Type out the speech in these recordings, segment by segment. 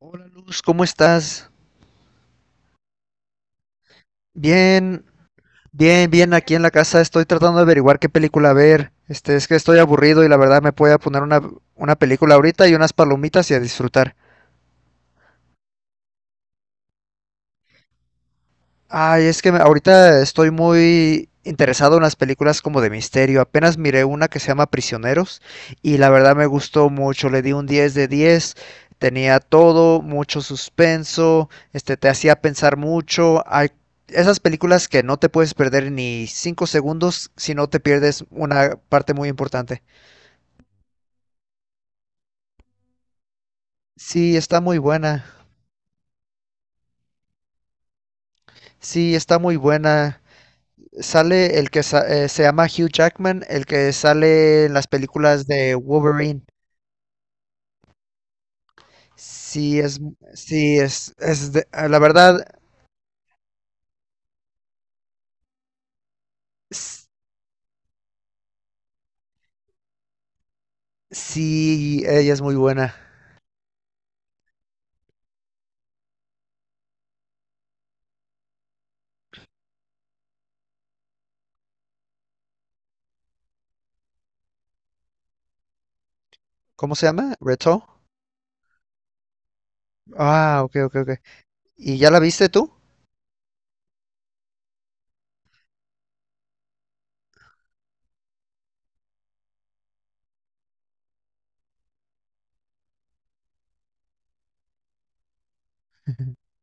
Hola Luz, ¿cómo estás? Bien, bien, aquí en la casa estoy tratando de averiguar qué película ver. Es que estoy aburrido y la verdad me voy a poner una película ahorita y unas palomitas y a disfrutar. Ay, ahorita estoy muy interesado en las películas como de misterio. Apenas miré una que se llama Prisioneros y la verdad me gustó mucho. Le di un 10 de 10. Tenía todo, mucho suspenso, te hacía pensar mucho. Hay esas películas que no te puedes perder ni 5 segundos si no te pierdes una parte muy importante. Sí, está muy buena. Sí, está muy buena. Sale el que sa- Se llama Hugh Jackman, el que sale en las películas de Wolverine. Sí, es, sí, es de- ah, la verdad, s- Sí, ella es muy buena. ¿Cómo se llama? ¿Reto? Ah, ok, ok, ok. ¿Y ya la viste tú?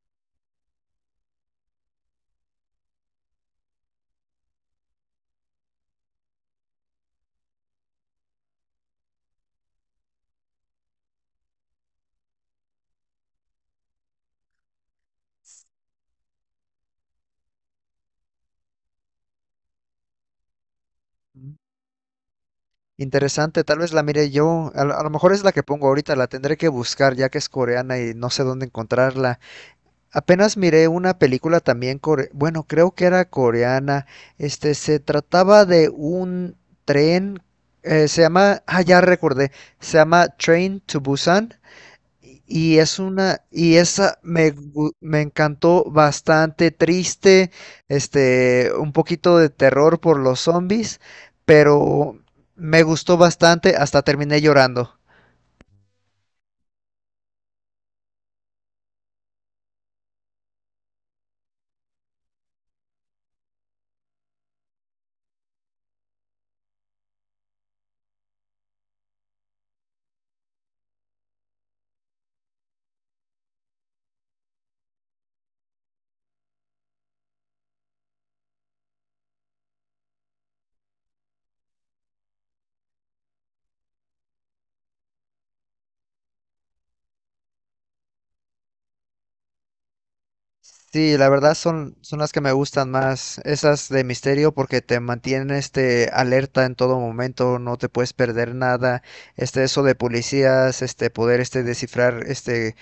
Mm. Interesante, tal vez la mire yo. A lo mejor es la que pongo ahorita, la tendré que buscar ya que es coreana y no sé dónde encontrarla. Apenas miré una película también bueno, creo que era coreana. Se trataba de un tren, se llama, ah, ya recordé, se llama Train to Busan. Y esa me encantó, bastante triste, un poquito de terror por los zombies, pero me gustó bastante, hasta terminé llorando. Sí, la verdad son las que me gustan más, esas de misterio porque te mantienen alerta en todo momento, no te puedes perder nada, eso de policías, poder descifrar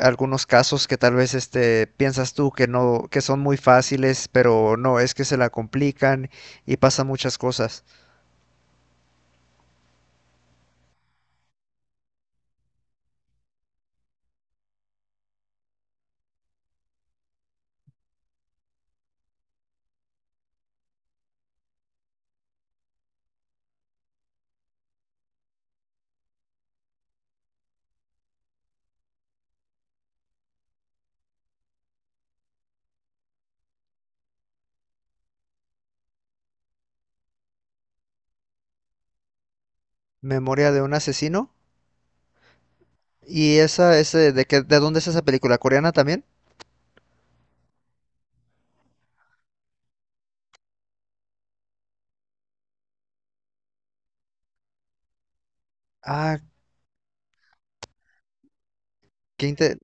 algunos casos que tal vez piensas tú que no, que son muy fáciles, pero no, es que se la complican y pasan muchas cosas. Memoria de un asesino. ¿Y esa es de dónde es esa película? ¿Coreana también? Ah, qué inte-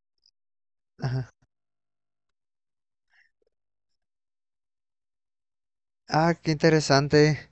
ajá. Ah, qué interesante.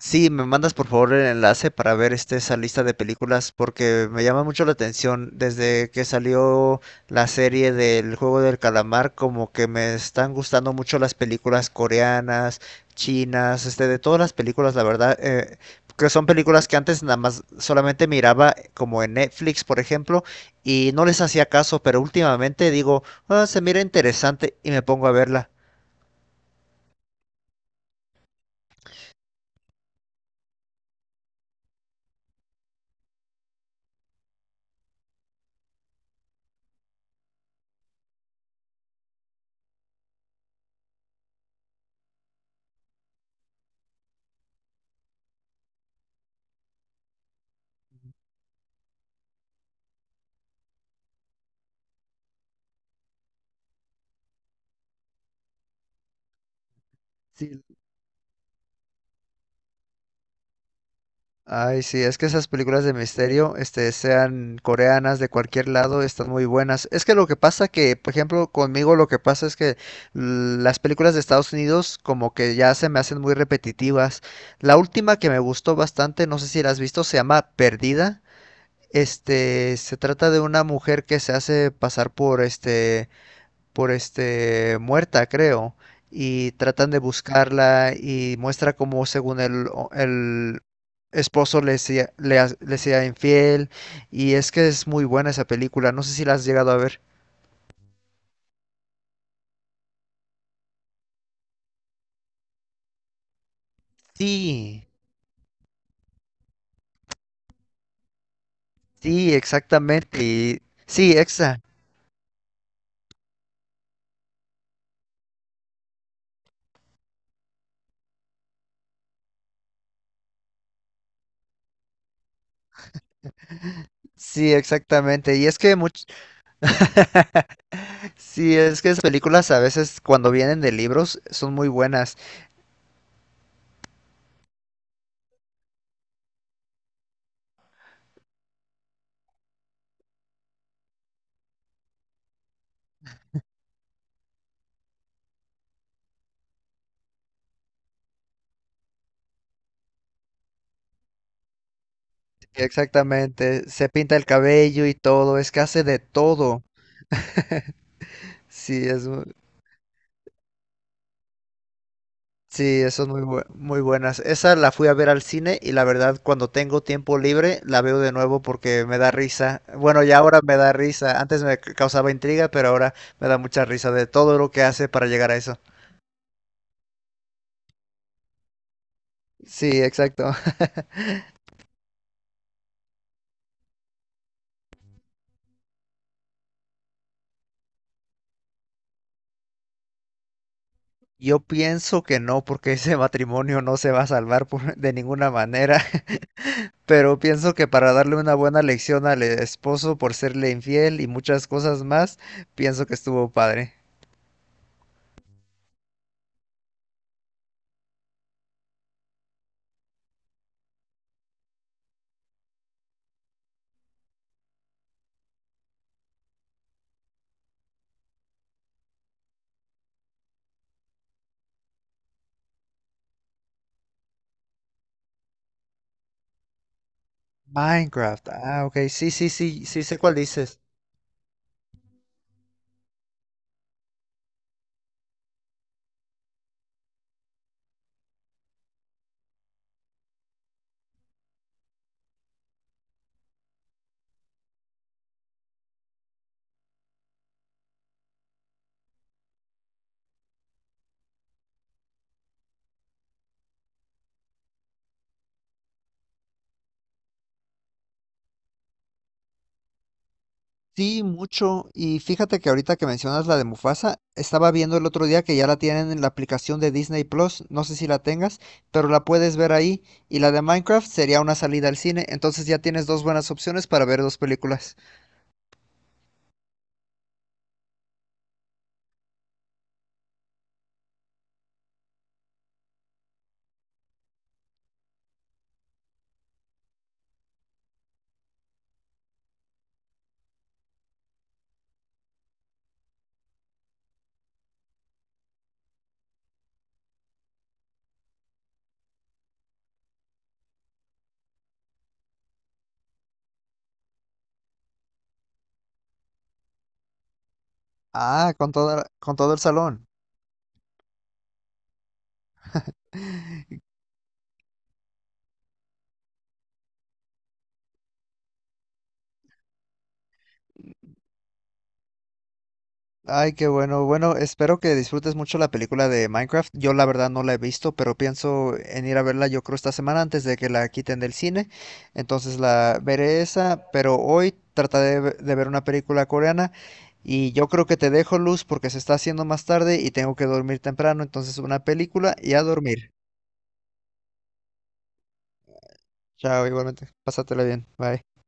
Sí, me mandas por favor el enlace para ver esa lista de películas porque me llama mucho la atención. Desde que salió la serie del Juego del Calamar, como que me están gustando mucho las películas coreanas, chinas, de todas las películas, la verdad, que son películas que antes nada más solamente miraba como en Netflix, por ejemplo, y no les hacía caso, pero últimamente digo, "Ah, se mira interesante y me pongo a verla." Sí, ay, sí, es que esas películas de misterio, sean coreanas, de cualquier lado, están muy buenas. Es que lo que pasa por ejemplo, conmigo lo que pasa es que las películas de Estados Unidos como que ya se me hacen muy repetitivas. La última que me gustó bastante, no sé si la has visto, se llama Perdida. Se trata de una mujer que se hace pasar por por este muerta, creo, y tratan de buscarla y muestra cómo según el esposo le sea infiel, y es que es muy buena esa película, no sé si la has llegado a ver. Sí, sí, exactamente. Y, sí, exa. Sí, exactamente. Sí, es que esas películas a veces cuando vienen de libros son muy buenas. Exactamente. Se pinta el cabello y todo, es que hace de todo. Sí, es, mu- Sí, son muy buenas. Esa la fui a ver al cine y la verdad cuando tengo tiempo libre la veo de nuevo porque me da risa. Bueno, ya ahora me da risa. Causaba intriga, pero ahora me da mucha risa de todo lo que hace para llegar a eso. Sí, exacto. Yo pienso que no, porque ese matrimonio no se va a salvar de ninguna manera. Pero pienso que para darle una buena lección al esposo por serle infiel y muchas cosas más, pienso que estuvo padre. Minecraft. Ah, ok. Sí, sí, sí, sí sé cuál dices. Sí, mucho. Y fíjate que ahorita que mencionas la de Mufasa, estaba viendo el otro día que ya la tienen en la aplicación de Disney Plus, no sé si la tengas, pero la puedes ver ahí. Y la de Minecraft sería una salida al cine, entonces ya tienes dos buenas opciones para ver dos películas. Ah, con con todo el salón. Ay, qué bueno. Bueno, espero que disfrutes mucho la película de Minecraft. Yo la verdad no la he visto, pero pienso en ir a verla yo creo esta semana antes de que la quiten del cine. Entonces la veré esa, pero hoy trataré de ver una película coreana y yo creo que te dejo Luz porque se está haciendo más tarde y tengo que dormir temprano. Entonces una película y a dormir. Chao, igualmente. Pásatela bien. Bye.